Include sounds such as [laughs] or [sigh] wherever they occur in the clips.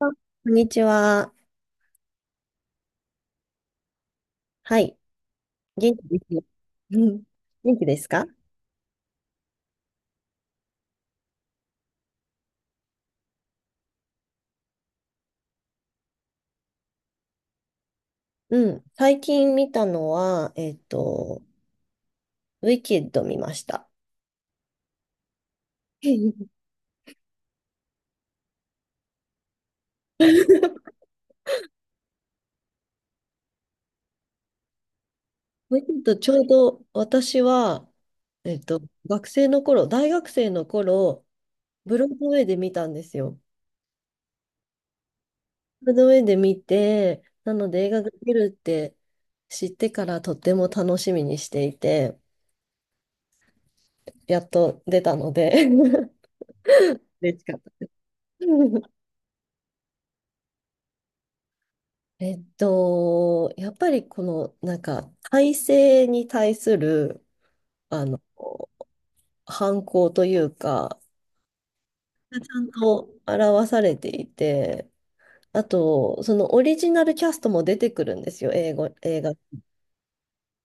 あ、こんにちは。はい。元気ですよ。うん、元気ですか？うん。最近見たのは、ウィキッド見ました。[laughs] ウィキッドちょうど私は、えっと、学生の頃、大学生の頃、ブロードウェイで見たんですよ。ブロードウェイで見て、なので映画が出るって知ってからとっても楽しみにしていて、やっと出たので [laughs] 嬉しかった。[laughs] やっぱりこの、体制に対する、あの、反抗というか、ちゃんと表されていて、あと、そのオリジナルキャストも出てくるんですよ、英語、映画。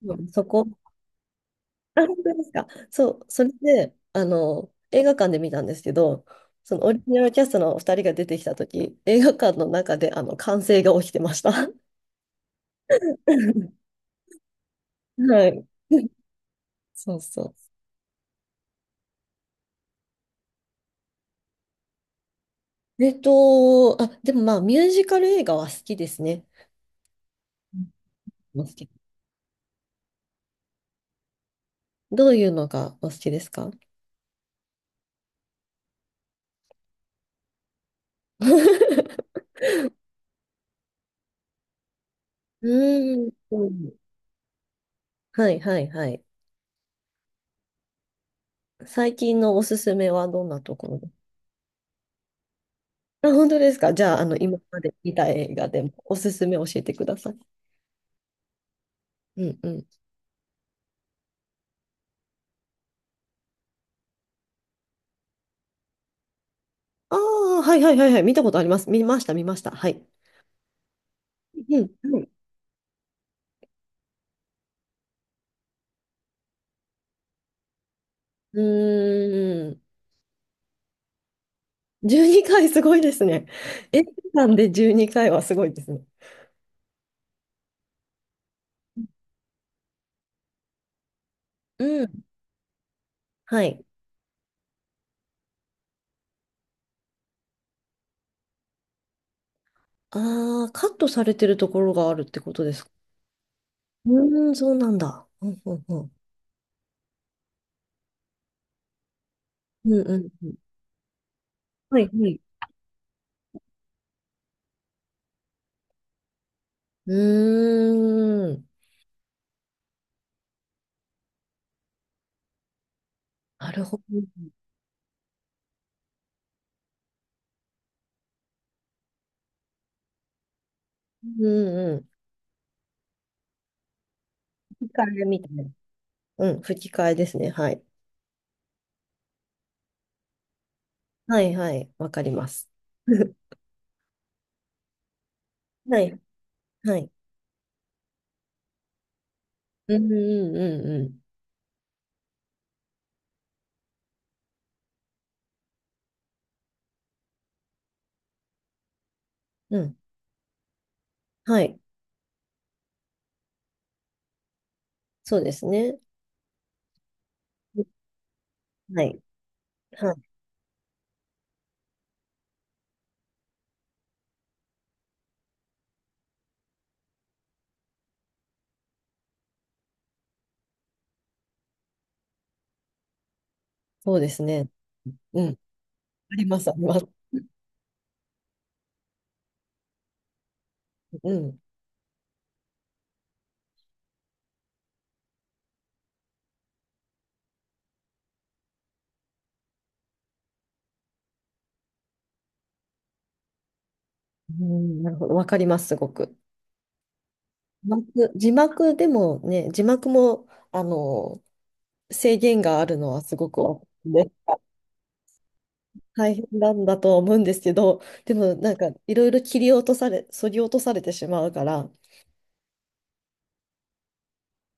うん、そこ。[laughs] あ、本当ですか？そう、それで、映画館で見たんですけど、そのオリジナルキャストのお二人が出てきたとき、映画館の中で、歓声が起きてました。[laughs] はい。[laughs] そうそう。あ、でもまあ、ミュージカル映画は好きですね。うん、好き。どういうのがお好きですか？ [laughs] うーん。はいはいはい。最近のおすすめはどんなところです？あ、本当ですか？じゃあ、今まで見た映画でもおすすめ教えてください。うんうん。ああ、はいはいはいはい。見たことあります。見ました、見ました。はい。うん。うんうーん。12回すごいですね。映画館で12回はすごいですね。うん。はい。ああ、カットされてるところがあるってことですか？うーん、そうなんだ。うんうんうん。うんうんうん。はいはい。うーん。なるほど。うんうん。吹き替えみたいな。うん、吹き替えですね。はい。はいはい。わかります。[laughs] はいはい。うんうんうんうん。うん。はい。そうですね。はい。はい。そうですね。うん。あります、あります。うん。うん、なるほど。わかります、すごく。字幕でもね、字幕も、制限があるのはすごくね大変なんだとは思うんですけど、でもなんかいろいろ切り落とされ、削ぎ落とされてしまうから、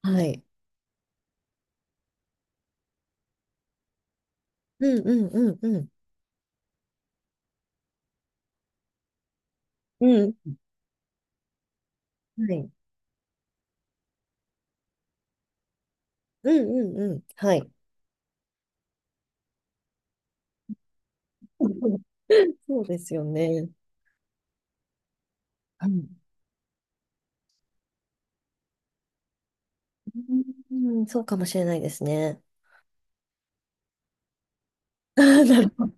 はい。うんうんうんうん。うん。はい。うんうんうん。はい。[laughs] そうですよね。うん、うん、そうかもしれないですね。[laughs] あー、なるほ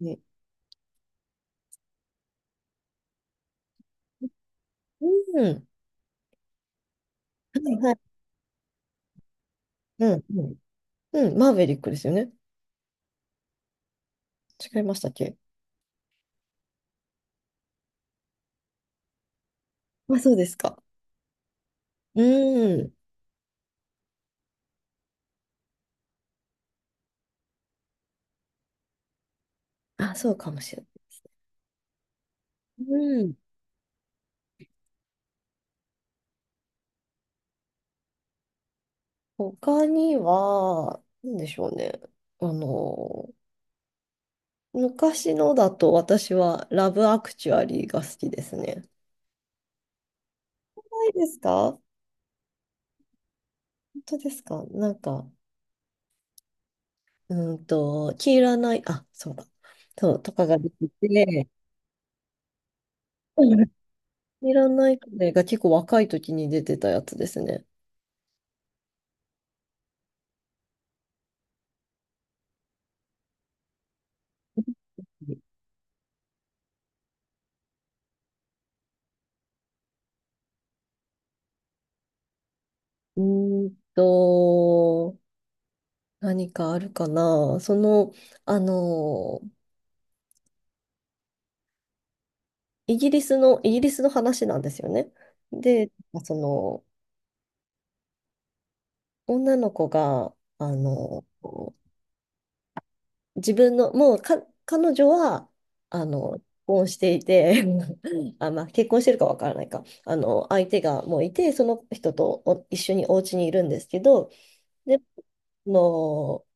どね。うん。はいはい。うんうん。うん。マーヴェリックですよね？違いましたっけ？あ、そうですか。うん。あ、そうかもしれない。うん。他には、なんでしょうね。あの、昔のだと私はラブアクチュアリーが好きですね。ないですか？本当ですか？なんか、黄色ない、あ、そうだ。そう、とかが出てて、うん、黄色ない彼が結構若い時に出てたやつですね。うーんと、何かあるかな。その、あの、イギリスの話なんですよね。で、その、女の子が、自分の、もうか、彼女は、結婚していて、[laughs] あ、まあ、結婚してるかわからないか、相手がもういて、その人とお一緒にお家にいるんですけど、で、あの、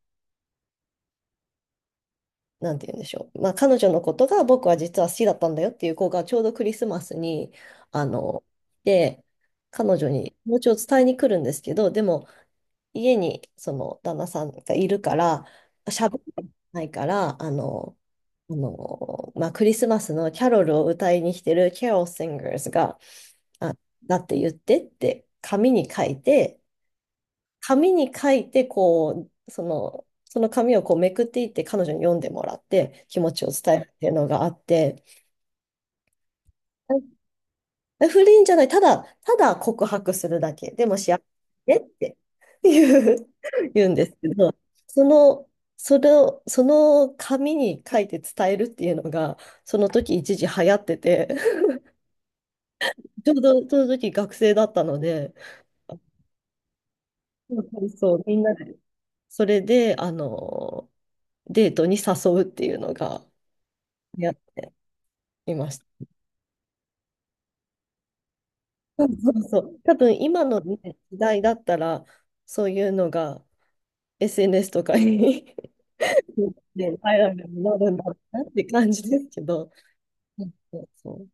なんて言うんでしょう。まあ、彼女のことが僕は実は好きだったんだよっていう子がちょうどクリスマスに、あの、で、彼女に気持ちを伝えに来るんですけど、でも家にその旦那さんがいるから、喋ってないから、まあ、クリスマスのキャロルを歌いに来てるキャロル・シンガーズが、あ、だって言ってって紙に書いて、紙に書いて、こう、その紙をこうめくっていって彼女に読んでもらって気持ちを伝えるっていうのがあって、うん、不倫じゃない、ただ、ただ告白するだけ。でも幸せねって言う、[laughs] 言うんですけど、その、それを、その紙に書いて伝えるっていうのが、その時一時流行ってて、[laughs] ちょうどその時学生だったので、そうそう、みんなで。それで、デートに誘うっていうのが、やっていました。そうそうそう。多分今のね、時代だったら、そういうのが SNS とかに [laughs] で、バイラルになるんだろうなって感じですけど。そうそうそう。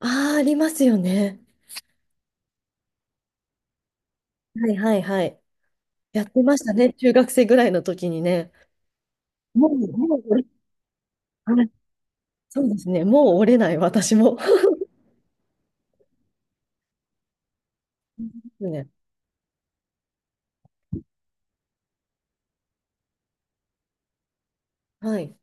ああ、ありますよね。はいはいはい。やってましたね。中学生ぐらいの時にね。もう、もう折れ、はい、そうですね。もう折れない、私も。[laughs] ですね。はい。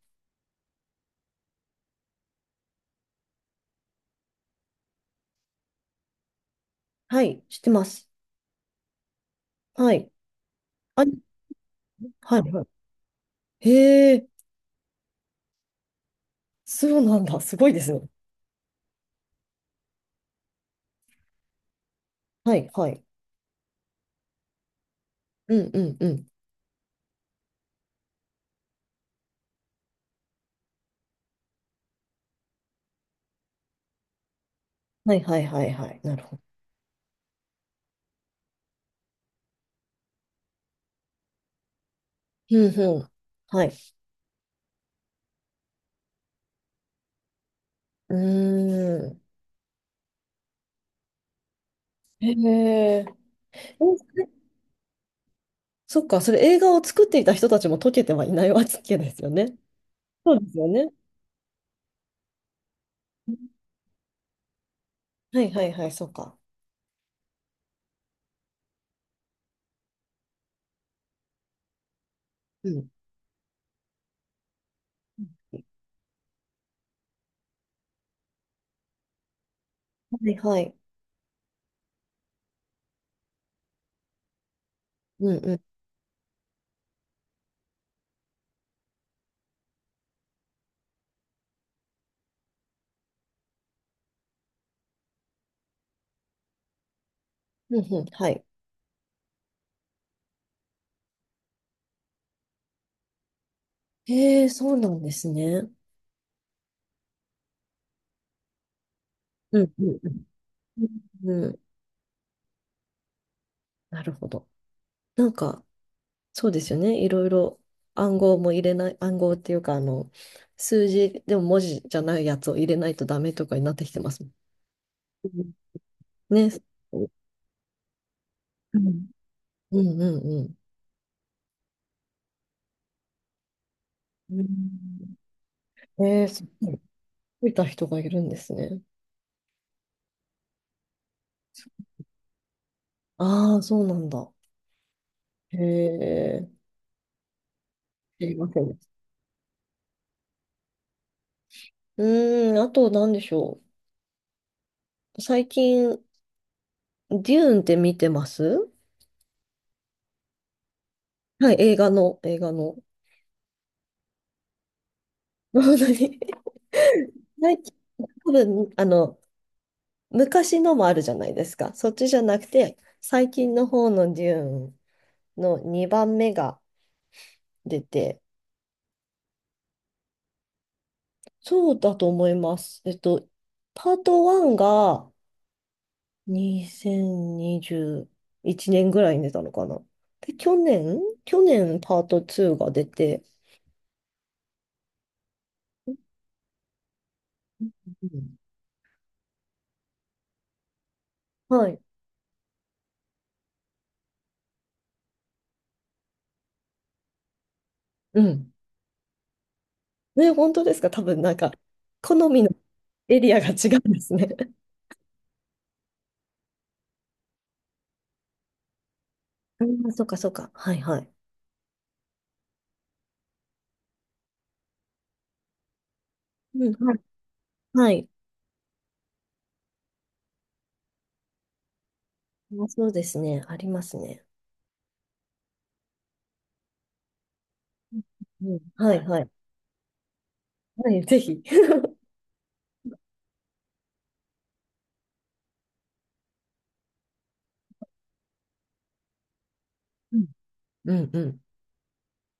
はい。知ってます。はい。あ、はいはい。へえ、そうなんだ。すごいですね。はいはい。うんうんうん。はいはいはいはい。なるほど。うんうん。はい。うーん。へえ。お、そっか、それ映画を作っていた人たちも解けてはいないわけですよね。そうですよね。はいはいはい、そうか。うん。はいはい。うんうん。うんうん、はい。へえ、そうなんですね。うんうんうん。うん、なるほど。なんか、そうですよね。いろいろ暗号も入れない、暗号っていうか、数字でも文字じゃないやつを入れないとダメとかになってきてますもん、うん、ね。うんうんうんうんうん。えー、そう、見いた人がいるんですね。ああ、そうなんだ。へえ。知りませんでした。うーん、あと何でしょう。最近、デューンって見てます？はい、映画の、映画の。[laughs] 本当に。最近、多分、昔のもあるじゃないですか。そっちじゃなくて、最近の方のデューンの2番目が出て、そうだと思います。パート1が2021年ぐらいに出たのかな。で、去年パート2が出て、うんうんはい。うん。ね、本当ですか？多分なんか、好みのエリアが違うんですね。[laughs] ああ、そうかそうか。はいはい。うん、はい。はい、あ、そうですね。ありますね。うん。はい、はい。はい、ぜひ。うん。うんうん。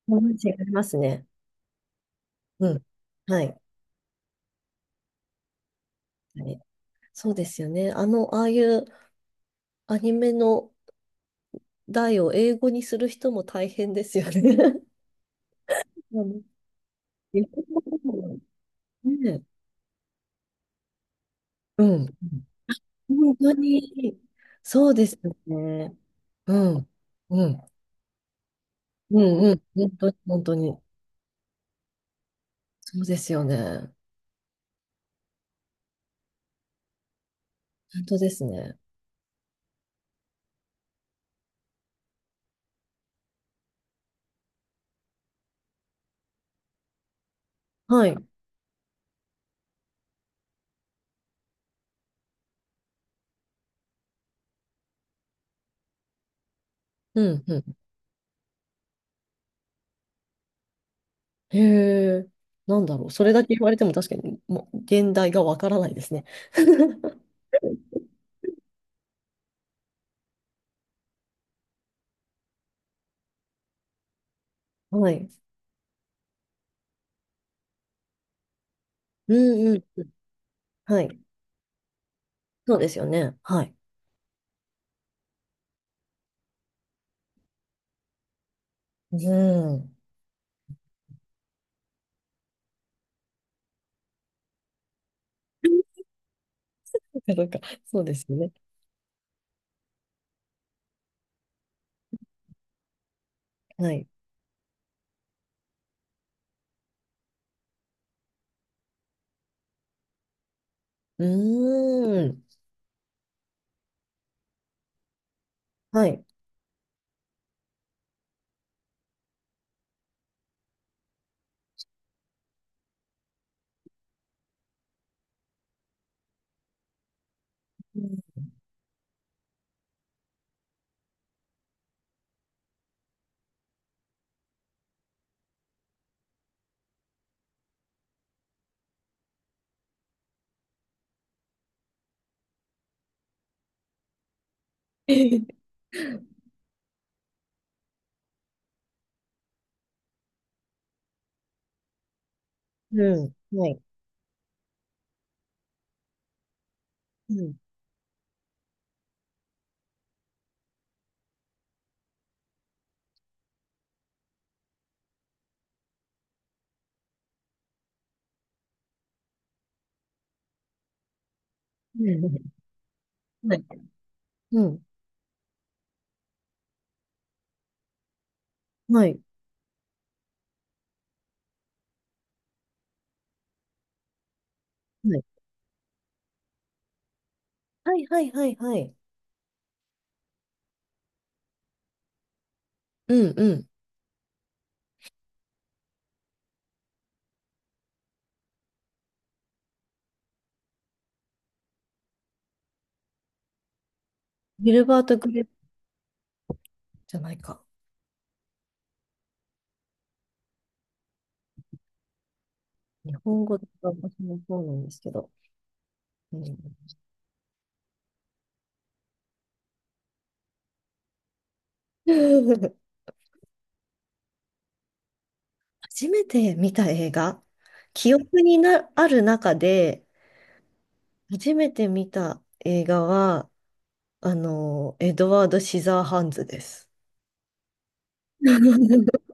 話ありますね。うん。はい。はい、そうですよね。ああいうアニメの題を英語にする人も大変ですよね。[laughs] うん、日本語でもね。うん。本当に、そうですよね。うん。うん。うんうん。本当に、本当に。そうですよね。本当ですね。はい。うんうん。へえ、なんだろう。それだけ言われても確かに、もう、現代がわからないですね。はい。うんうん。はい。そうですよね。はい。うん。[laughs] そうか、そうですよね。はい。うーん。はい。うん。[laughs] うん、はい。うん。うん、はい。うん。はい。はい。はい。はい。はい。はい。うん。うん。ギルバート・グレープじゃないか。日本語で私もそうなんですけど。うん [laughs] 初めて見た映画、記憶にな、ある中で、初めて見た映画は、エドワード・シザーハンズです。[laughs]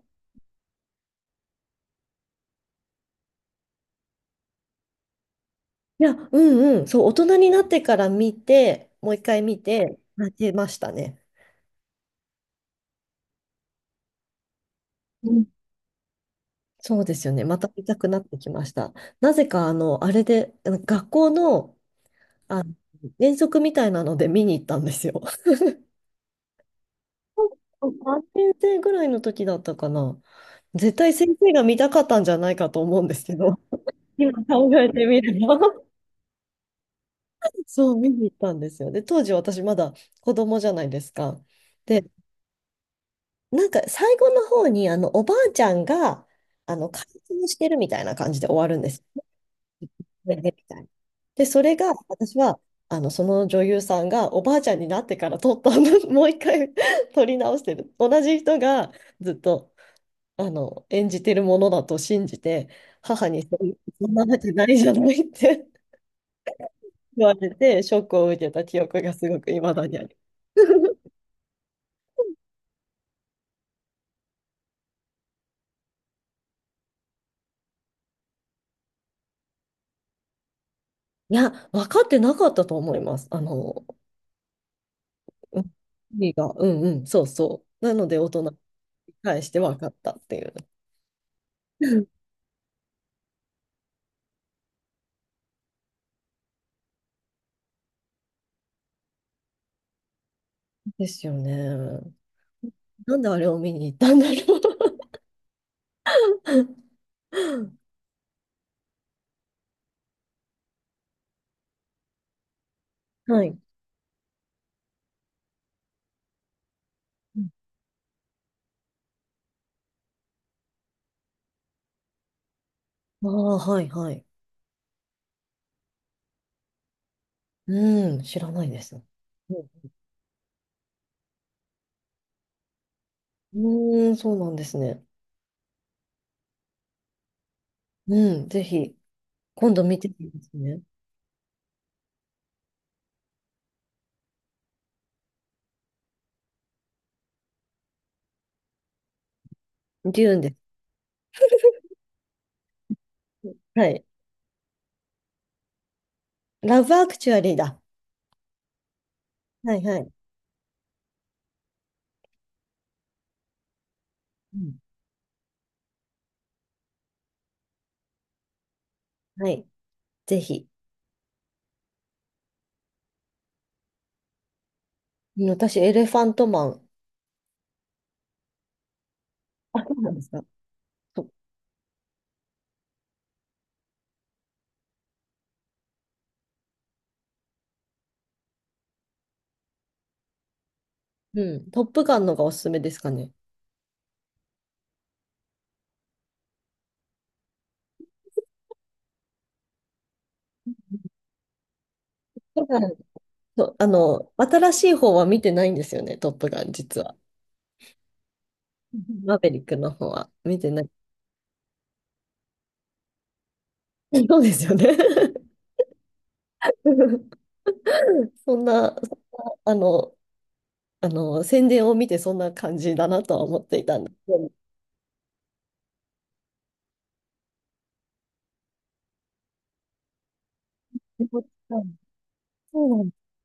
いや、うんうん、そう、大人になってから見て、もう一回見て、泣けましたね。うん、そうですよね。また見たくなってきました。なぜか、あれで、あの学校の、あの、遠足みたいなので見に行ったんですよ。3年生ぐらいの時だったかな。絶対先生が見たかったんじゃないかと思うんですけど、今考えてみれば [laughs] そう見に行ったんですよ。で、当時私まだ子供じゃないですか。で、なんか最後の方にあのおばあちゃんが解禁してるみたいな感じで終わるんです。[laughs] で、みたいな。で、それが私はその女優さんがおばあちゃんになってから撮ったの [laughs] もう一回撮り直してる。同じ人がずっと演じてるものだと信じて、母にそんなわけないじゃないって [laughs] 言われて、ショックを受けた記憶がすごく未だにある。[laughs] いや、分かってなかったと思います。うん、意味が、うんうん、そうそう。なので、大人に返して分かったっていう。うん、ですよね。なんであれを見に行ったんだろう。[laughs] はい。ああ、はい、はい。うん、知らないです。うん、うーん、そうなんですね。うん、ぜひ。今度見てみますね。デューンです。はい。ラブアクチュアリーだ。はいはい。うん。はい。ぜひ。うん、私、エレファントマン。あ、そうなんですか。と、うん。トップガンのがおすすめですかね。トップガン、そう、新しい方は見てないんですよね、トップガン、実は。マーベリックの方は見てない。そうですよね。[laughs] そんな、宣伝を見てそんな感じだなとは思っていたんですけど。そうなんです、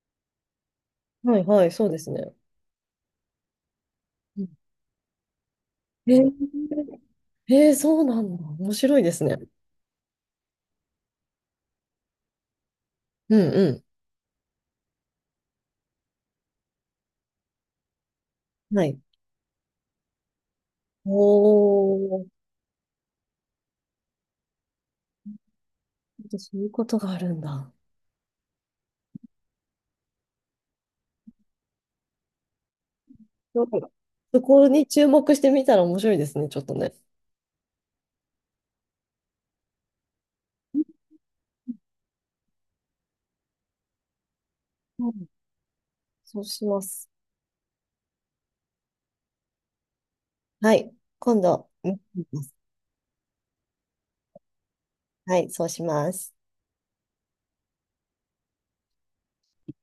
はいはい、そうですね。えー、えー、そうなんだ。面白いですね。うんうん。はい。おー、そういうことがあるんだ。そうだ、そこに注目してみたら面白いですね、ちょっとね。うん、そうします。はい。今度、見てみます。はい、そうします。